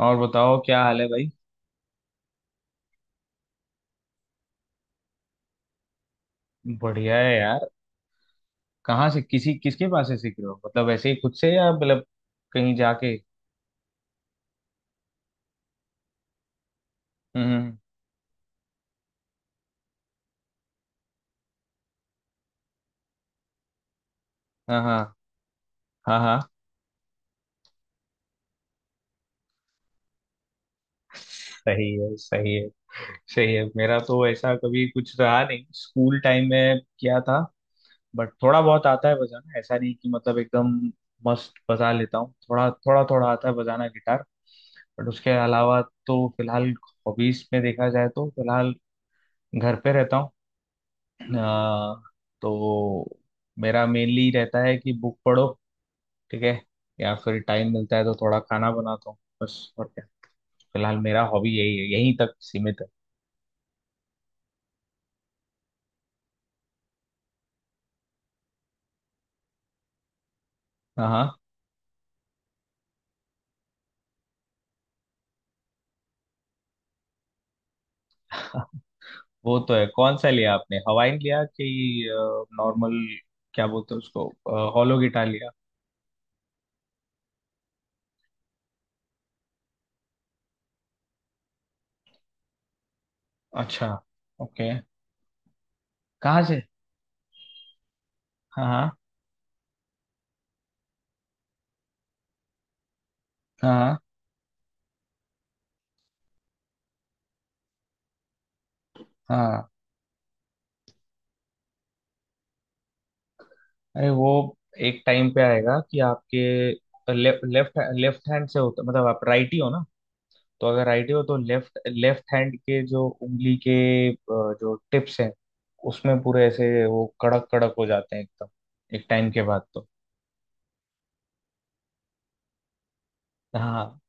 और बताओ क्या हाल है भाई। बढ़िया है यार। कहाँ से किसी किसके पास से सीख रहे हो, मतलब ऐसे ही खुद से या मतलब कहीं जाके। हम्म। हाँ हाँ। हाँ हाँ। सही है सही है। सही है। मेरा तो ऐसा कभी कुछ रहा नहीं, स्कूल टाइम में किया था। बट थोड़ा बहुत आता है बजाना, ऐसा नहीं कि मतलब एकदम मस्त बजा लेता हूँ। थोड़ा थोड़ा थोड़ा आता है बजाना गिटार। बट उसके अलावा, तो फिलहाल हॉबीज में देखा जाए तो फिलहाल घर पे रहता हूँ। अ, तो मेरा मेनली रहता है कि बुक पढ़ो। ठीक है। या फिर टाइम मिलता है तो थोड़ा खाना बनाता हूँ, बस और क्या। फिलहाल मेरा हॉबी यही है, यहीं तक सीमित है। हाँ हाँ। वो तो है, कौन सा लिया आपने, हवाइन लिया कि नॉर्मल, क्या बोलते हैं उसको, हॉलो गिटार लिया। अच्छा। ओके। कहाँ से। हाँ हाँ। हाँ हाँ। हाँ। अरे, वो एक टाइम पे आएगा कि आपके लेफ्ट लेफ्ट लेफ्ट हैंड से होता, मतलब आप राइट ही हो ना। तो अगर आइडिया हो तो लेफ्ट लेफ्ट हैंड के जो उंगली के अ, जो टिप्स हैं उसमें पूरे ऐसे वो कड़क कड़क हो जाते हैं एकदम, एक टाइम के बाद तो। हाँ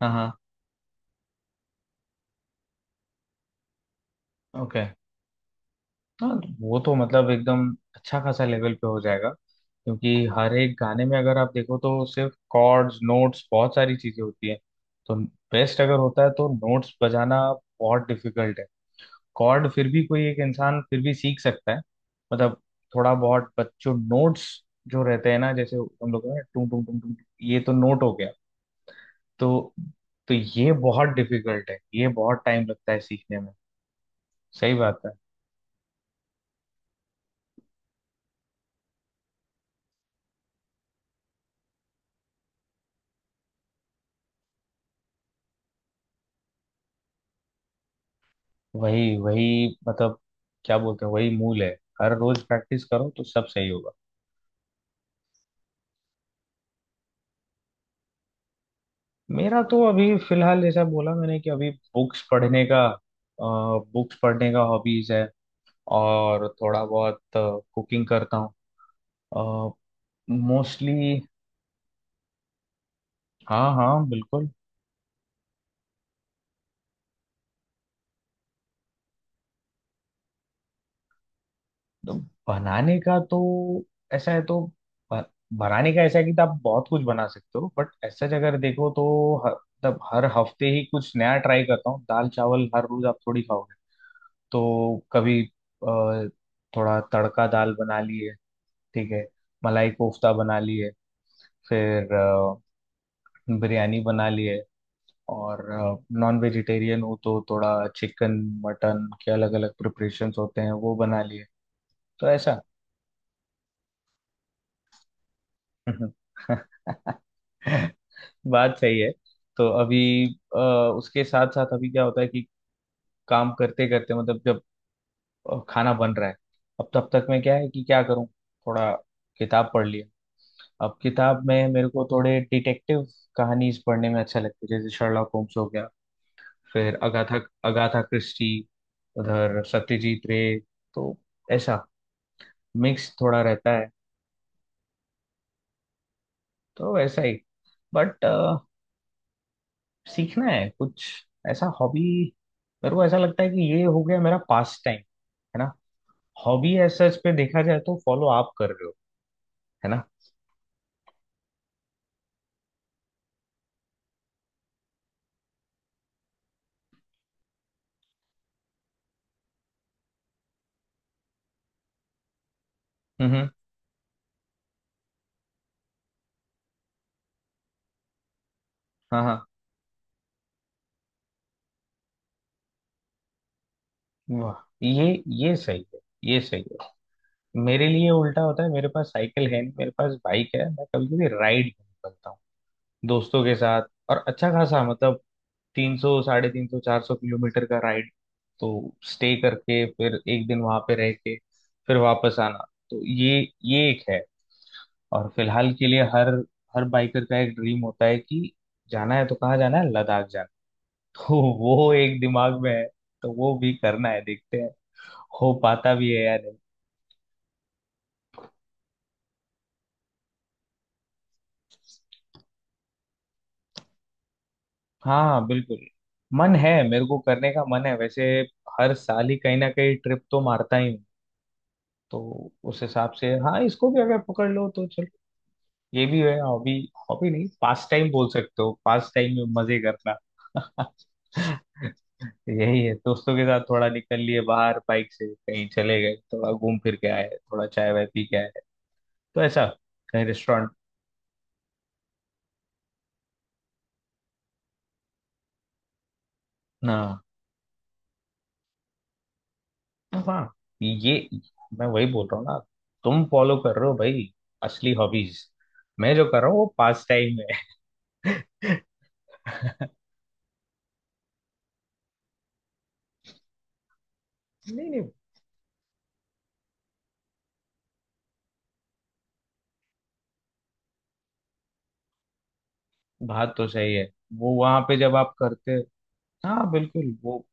हाँ हाँ। ओके। हाँ वो तो मतलब एकदम अच्छा खासा लेवल पे हो जाएगा, क्योंकि हर एक गाने में अगर आप देखो तो सिर्फ कॉर्ड्स नोट्स, बहुत सारी चीजें होती हैं। तो बेस्ट अगर होता है तो नोट्स बजाना, बहुत डिफिकल्ट है। कॉर्ड फिर भी कोई एक इंसान फिर भी सीख सकता है, मतलब थोड़ा बहुत। बच्चों नोट्स जो रहते हैं ना, जैसे हम लोग का टू टू टू टू, ये तो नोट हो गया। तो तो ये बहुत डिफिकल्ट है, ये बहुत टाइम लगता है सीखने में। सही बात है। वही वही, मतलब क्या बोलते हैं, वही मूल है। हर रोज प्रैक्टिस करो तो सब सही होगा। मेरा तो अभी फिलहाल जैसा बोला मैंने कि अभी बुक्स पढ़ने का बुक्स पढ़ने का हॉबीज है। और थोड़ा बहुत कुकिंग करता हूँ, मोस्टली। हाँ हाँ बिल्कुल। तो बनाने का तो ऐसा है, तो ब- बनाने का ऐसा है कि तो आप बहुत कुछ बना सकते हो, बट ऐसा अगर देखो तो हर हर हफ्ते ही कुछ नया ट्राई करता हूँ। दाल चावल हर रोज आप थोड़ी खाओगे। तो कभी थोड़ा तड़का दाल बना ली है। ठीक है। मलाई कोफ्ता बना ली है। फिर बिरयानी बना ली है। और नॉन वेजिटेरियन हो तो थोड़ा चिकन मटन के अलग अलग प्रिपरेशंस होते हैं, वो बना लिए। तो ऐसा। बात सही है। तो अभी अ, उसके साथ साथ अभी क्या होता है कि काम करते करते, मतलब जब खाना बन रहा है, अब तब तक मैं क्या है कि क्या करूं, थोड़ा किताब पढ़ लिया। अब किताब में मेरे को थोड़े डिटेक्टिव कहानीज पढ़ने में अच्छा लगता है, जैसे शर्लॉक होम्स हो गया, फिर अगाथा अगाथा क्रिस्टी, उधर सत्यजीत रे। तो ऐसा मिक्स थोड़ा रहता है। तो ऐसा ही, बट सीखना है कुछ ऐसा हॉबी। मेरे को ऐसा लगता है कि ये हो गया, मेरा पास टाइम है ना, हॉबी ऐसा, इस पे देखा जाए तो फॉलो आप कर रहे हो, है ना। हम्म। हाँ हाँ वाह। ये सही है। ये सही है। मेरे लिए उल्टा होता है, मेरे पास साइकिल है नहीं, मेरे पास बाइक है, मैं कभी कभी राइड करता हूँ दोस्तों के साथ। और अच्छा खासा मतलब 300 350 400 किलोमीटर का राइड, तो स्टे करके फिर एक दिन वहां पे रह के फिर वापस आना। तो ये एक है। और फिलहाल के लिए हर हर बाइकर का एक ड्रीम होता है कि जाना है तो कहाँ जाना है, लद्दाख जाना है। तो वो एक दिमाग में है। तो वो भी करना है, देखते हैं हो पाता भी है या नहीं। हाँ बिल्कुल। मन है, मेरे को करने का मन है वैसे। हर साल ही कहीं ना कहीं ट्रिप तो मारता ही हूँ। तो उस हिसाब से हाँ, इसको भी अगर पकड़ लो तो चलो, ये भी है हॉबी। हॉबी नहीं, पास टाइम बोल सकते हो, पास टाइम में मजे करना। यही है, दोस्तों के साथ थोड़ा निकल लिए बाहर, बाइक से कहीं चले गए, थोड़ा घूम फिर के आए, थोड़ा चाय वाय पी के आए, तो ऐसा, कहीं रेस्टोरेंट ना। तो हाँ ये मैं वही बोल रहा हूँ ना, तुम फॉलो कर रहे हो भाई असली हॉबीज, मैं जो कर रहा हूँ वो पास टाइम है। नहीं नहीं, बात तो सही है। वो वहां पे जब आप करते, हाँ बिल्कुल, वो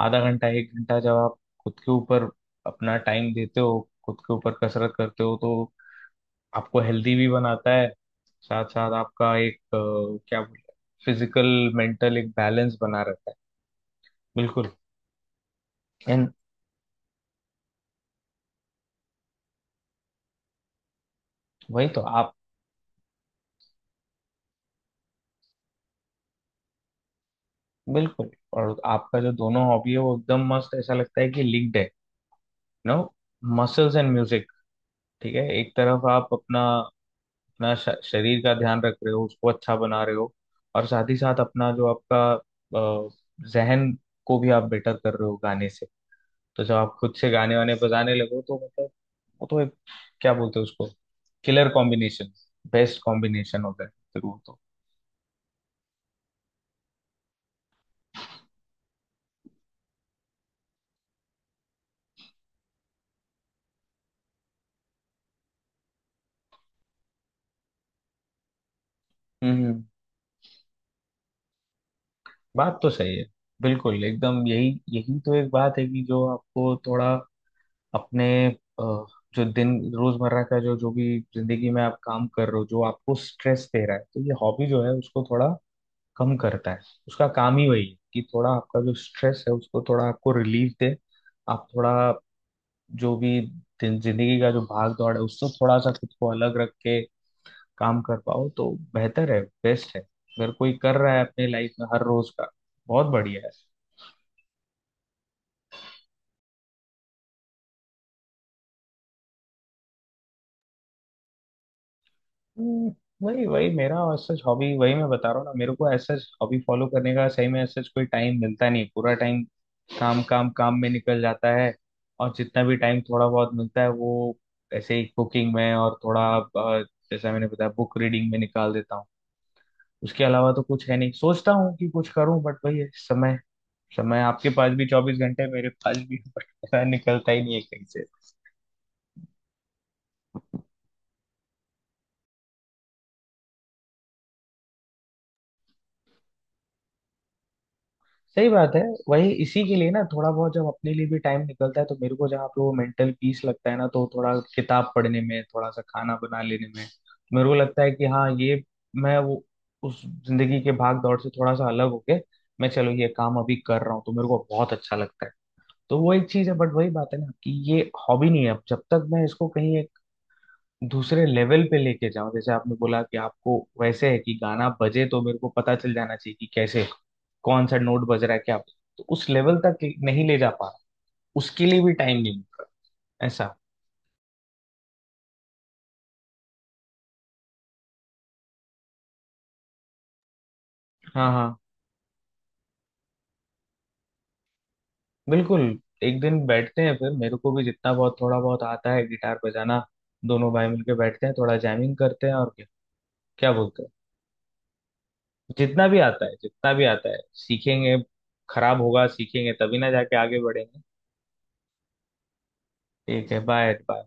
आधा घंटा एक घंटा जब आप खुद के ऊपर अपना टाइम देते हो, खुद के ऊपर कसरत करते हो तो आपको हेल्दी भी बनाता है, साथ साथ आपका एक क्या बोलते हैं, फिजिकल मेंटल एक बैलेंस बना रहता है। बिल्कुल, एंड वही तो आप। बिल्कुल, और आपका जो दोनों हॉबी है वो एकदम मस्त, ऐसा लगता है कि लिंक्ड है, नो, मसल्स एंड म्यूजिक। ठीक है, एक तरफ आप अपना अपना श- शरीर का ध्यान रख रहे हो, उसको अच्छा बना रहे हो। और साथ ही साथ अपना जो आपका अ, जहन को भी आप बेटर कर रहे हो गाने से, तो जब आप खुद से गाने वाने बजाने लगो तो मतलब वो तो एक, क्या बोलते हैं उसको, किलर कॉम्बिनेशन, बेस्ट कॉम्बिनेशन होता है फिर वो तो। हम्म। बात तो सही है। बिल्कुल एकदम, यही यही तो एक बात है कि जो आपको थोड़ा अपने जो दिन रोजमर्रा का जो जो भी जिंदगी में आप काम कर रहे हो, जो आपको स्ट्रेस दे रहा है, तो ये हॉबी जो है उसको थोड़ा कम करता है, उसका काम ही वही है कि थोड़ा आपका जो स्ट्रेस है उसको थोड़ा आपको रिलीफ दे। आप थोड़ा जो भी जिंदगी का जो भाग दौड़ है उससे थोड़ा सा खुद को अलग रख के काम कर पाओ तो बेहतर है, बेस्ट है अगर कोई कर रहा है अपने लाइफ में हर रोज का, बहुत बढ़िया है। हम्म, वही वही मेरा सच हॉबी, वही मैं बता रहा हूँ ना, मेरे को ऐसा हॉबी फॉलो करने का सही में ऐसा कोई टाइम मिलता नहीं, पूरा टाइम काम काम काम में निकल जाता है। और जितना भी टाइम थोड़ा बहुत मिलता है वो ऐसे ही कुकिंग में और थोड़ा जैसा मैंने बताया बुक रीडिंग में निकाल देता हूँ। उसके अलावा तो कुछ है नहीं, सोचता हूँ कि कुछ करूँ बट वही है, समय समय आपके पास भी 24 घंटे मेरे पास भी। बट पता है, निकलता ही नहीं है कहीं। सही बात है। वही इसी के लिए ना थोड़ा बहुत जब अपने लिए भी टाइम निकलता है तो मेरे को जहाँ पे वो मेंटल पीस लगता है ना, तो थोड़ा किताब पढ़ने में, थोड़ा सा खाना बना लेने में मेरे को लगता है कि हाँ ये, मैं वो उस जिंदगी के भाग दौड़ से थोड़ा सा अलग होके मैं चलो ये काम अभी कर रहा हूँ तो मेरे को बहुत अच्छा लगता है। तो वो एक चीज है, बट वही बात है ना कि ये हॉबी नहीं है, अब जब तक मैं इसको कहीं एक दूसरे लेवल पे लेके जाऊं, जैसे आपने बोला कि आपको वैसे है कि गाना बजे तो मेरे को पता चल जाना चाहिए कि कैसे कौन सा नोट बज रहा है क्या, तो उस लेवल तक नहीं ले जा पा रहा, उसके लिए भी टाइम नहीं मिल रहा ऐसा। हाँ हाँ बिल्कुल। एक दिन बैठते हैं फिर, मेरे को भी जितना बहुत थोड़ा बहुत आता है गिटार बजाना, दोनों भाई मिलके बैठते हैं, थोड़ा जैमिंग करते हैं और क्या, क्या बोलते हैं। जितना भी आता है सीखेंगे, खराब होगा सीखेंगे तभी ना जाके आगे बढ़ेंगे। ठीक है, बाय बाय।